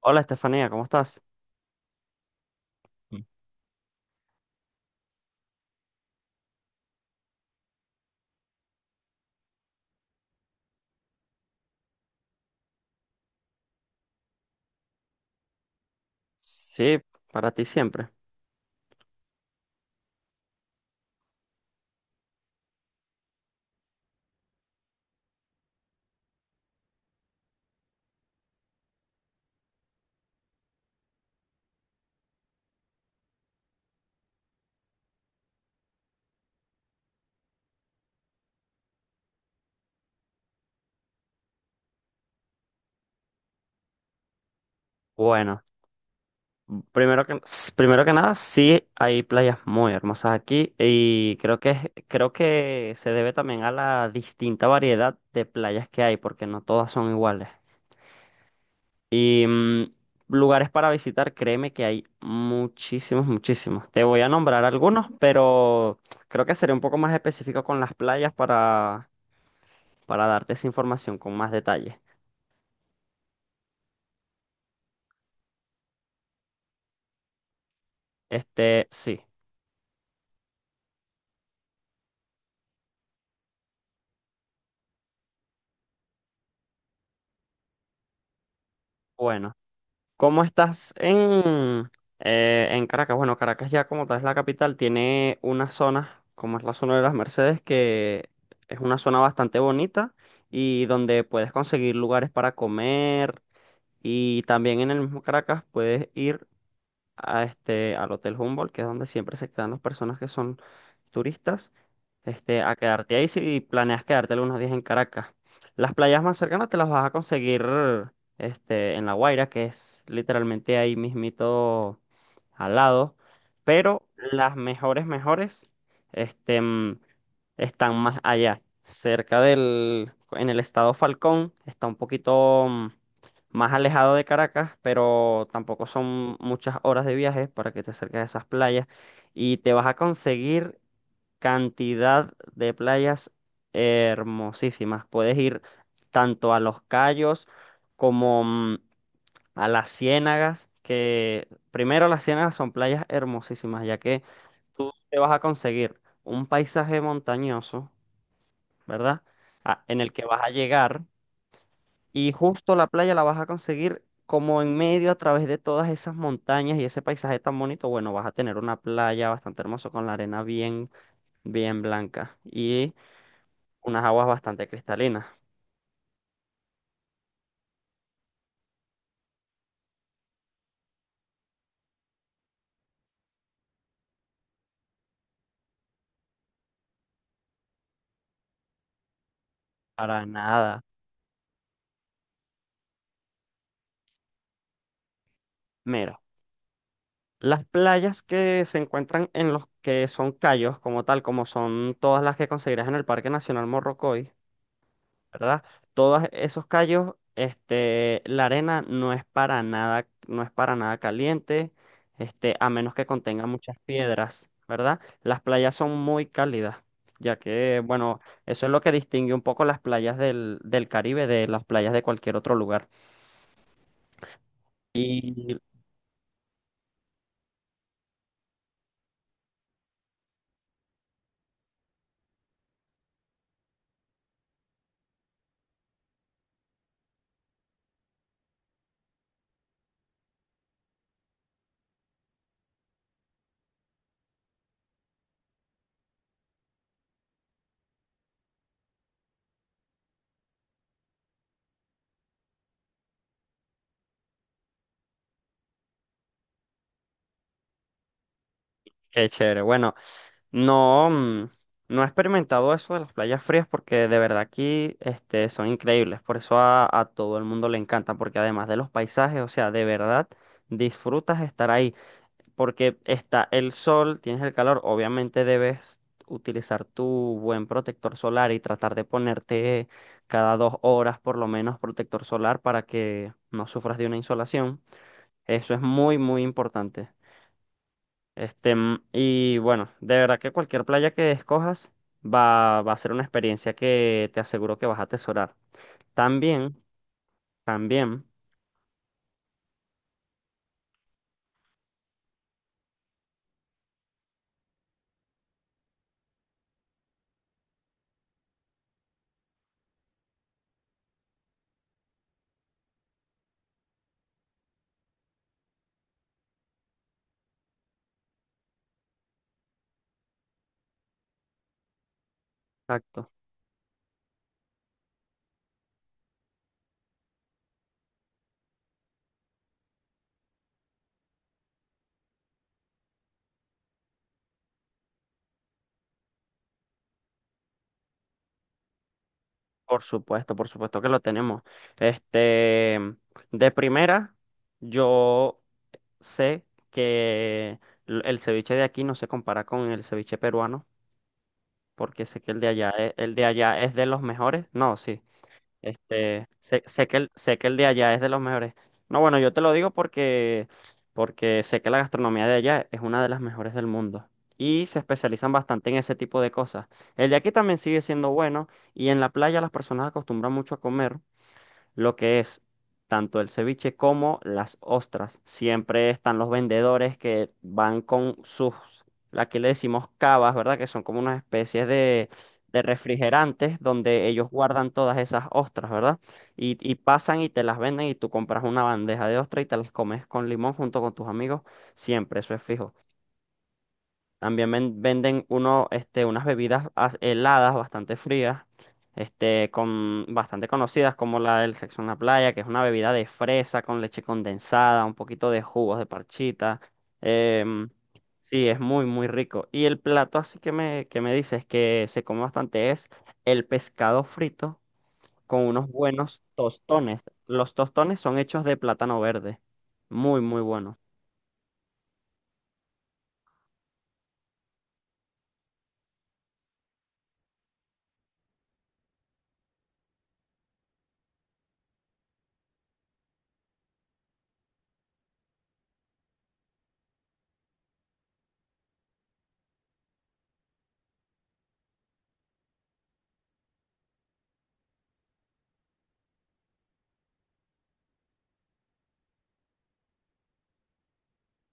Hola Estefanía, ¿cómo estás? Sí, para ti siempre. Bueno, primero primero que nada, sí hay playas muy hermosas aquí y creo que. Creo que se debe también a la distinta variedad de playas que hay, porque no todas son iguales. Y mm, lugares para visitar, créeme que hay muchísimos, muchísimos. Te voy a nombrar algunos, pero creo que seré un poco más específico con las para darte esa información con más detalle. Este, sí. Bueno. ¿Cómo en Caracas? Bueno, Caracas ya como tal es la capital, tiene una zona, como es la zona de Las Mercedes, que es una zona bastante bonita y donde puedes conseguir lugares para comer, y también en el mismo Caracas puedes ir a al Hotel Humboldt, que es donde siempre se quedan las personas que son turistas, a quedarte ahí si planeas quedarte algunos días en Caracas. Las playas más cercanas te las vas a conseguir en La Guaira, que es literalmente ahí mismito al lado, pero las mejores, mejores este, mm, están más allá, cerca en el estado Falcón, está un poquito más alejado de Caracas, pero tampoco son muchas horas de viaje para que te acerques a esas playas, y te vas a conseguir cantidad de playas hermosísimas. Puedes ir tanto a Los Cayos como a las Ciénagas, que primero las Ciénagas son playas hermosísimas, ya que te vas a conseguir un paisaje montañoso, ¿verdad? En el que vas a llegar y justo la playa la vas a conseguir como en medio, a través de todas esas montañas y ese paisaje tan bonito. Bueno, vas a tener una playa bastante hermosa con la arena bien blanca. Y unas aguas bastante cristalinas, para nada. Mira, las playas que se encuentran en los que son cayos, como tal, como son todas las que conseguirás en el Parque Nacional Morrocoy, ¿verdad? Todos esos cayos, la arena no es para nada, no es para nada caliente, a menos que contenga muchas piedras, ¿verdad? Las playas son muy cálidas, ya que, bueno, eso es lo que distingue un poco las playas del Caribe de las playas de cualquier otro lugar. Y qué chévere. Bueno, no, mm, no he experimentado eso de las playas frías, porque de verdad aquí son increíbles. Por eso a todo el mundo le encanta, porque además de los paisajes, o sea, de verdad disfrutas estar ahí, porque está el sol, tienes el calor, obviamente debes utilizar tu buen protector solar y tratar de ponerte cada dos horas por lo menos protector solar para que no sufras de una insolación. Eso es muy, muy importante. Y bueno, de verdad que cualquier playa que escojas va a ser una experiencia que te aseguro que vas a atesorar. También, también, exacto, por supuesto que lo tenemos. Este, mm, de primera, yo sé que el ceviche de aquí no se compara con el ceviche peruano, porque sé que el de el de allá es de los mejores. No, sí. Sé que sé que el de allá es de los mejores. No, bueno, yo te lo digo porque sé que la gastronomía de allá es una de las mejores del mundo. Y se especializan bastante en ese tipo de cosas. El de aquí también sigue siendo bueno. Y en la playa las personas acostumbran mucho a comer lo que es tanto el ceviche como las ostras. Siempre están los vendedores que van con sus, aquí le decimos cavas, ¿verdad? Que son como unas especies de refrigerantes donde ellos guardan todas esas ostras, ¿verdad? Y pasan y te las venden, y tú compras una bandeja de ostras y te las comes con limón junto con tus amigos. Siempre, eso es fijo. También venden uno, unas bebidas heladas bastante frías, bastante conocidas como la del sexo en la playa, que es una bebida de fresa con leche condensada, un poquito de jugos de parchita. Em, sí, es muy, muy rico. Y el plato así que que me dices que se come bastante es el pescado frito con unos buenos tostones. Los tostones son hechos de plátano verde. Muy, muy buenos.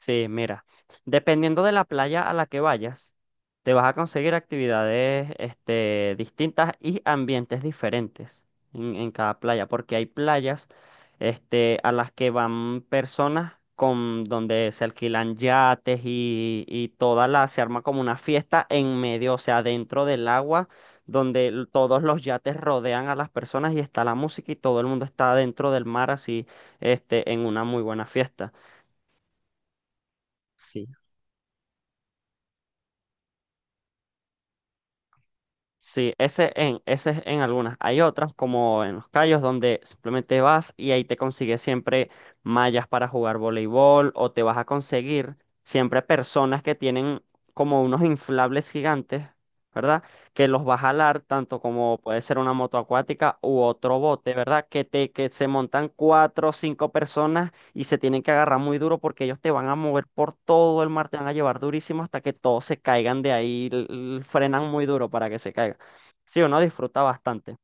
Sí, mira, dependiendo de la playa a la que vayas, te vas a conseguir actividades distintas y ambientes diferentes en cada playa, porque hay playas a las que van personas con donde se alquilan yates y toda la, se arma como una fiesta en medio, o sea, dentro del agua, donde todos los yates rodean a las personas y está la música y todo el mundo está dentro del mar así, en una muy buena fiesta. Sí. Sí, ese ese es en algunas. Hay otras, como en los callos, donde simplemente vas y ahí te consigues siempre mallas para jugar voleibol, o te vas a conseguir siempre personas que tienen como unos inflables gigantes, ¿verdad? Que los vas a jalar, tanto como puede ser una moto acuática u otro bote, ¿verdad? Que se montan cuatro o cinco personas y se tienen que agarrar muy duro porque ellos te van a mover por todo el mar, te van a llevar durísimo hasta que todos se caigan de ahí, frenan muy duro para que se caigan. Sí, uno disfruta bastante.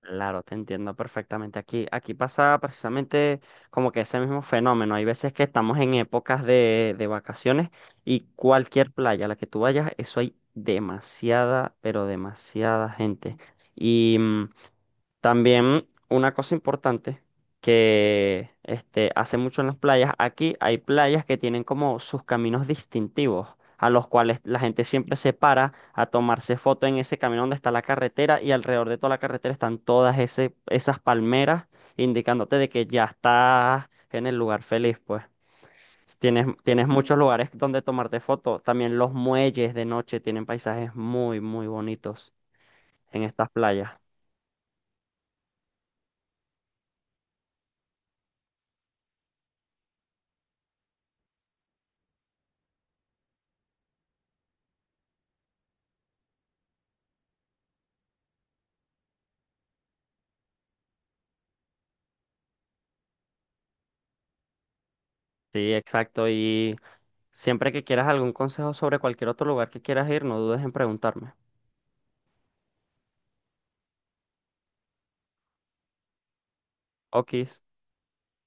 Claro, te entiendo perfectamente. Aquí pasa precisamente como que ese mismo fenómeno. Hay veces que estamos en épocas de vacaciones y cualquier playa a la que tú vayas, eso hay demasiada, pero demasiada gente. y mm, También una cosa importante que hace mucho en las playas, aquí hay playas que tienen como sus caminos distintivos, a los cuales la gente siempre se para a tomarse foto en ese camino donde está la carretera, y alrededor de toda la carretera están todas esas palmeras indicándote de que ya estás en el lugar feliz, pues. Tienes, tienes muchos lugares donde tomarte foto. También los muelles de noche tienen paisajes muy, muy bonitos en estas playas. Sí, exacto. Y siempre que quieras algún consejo sobre cualquier otro lugar que quieras ir, no dudes en preguntarme. Okis.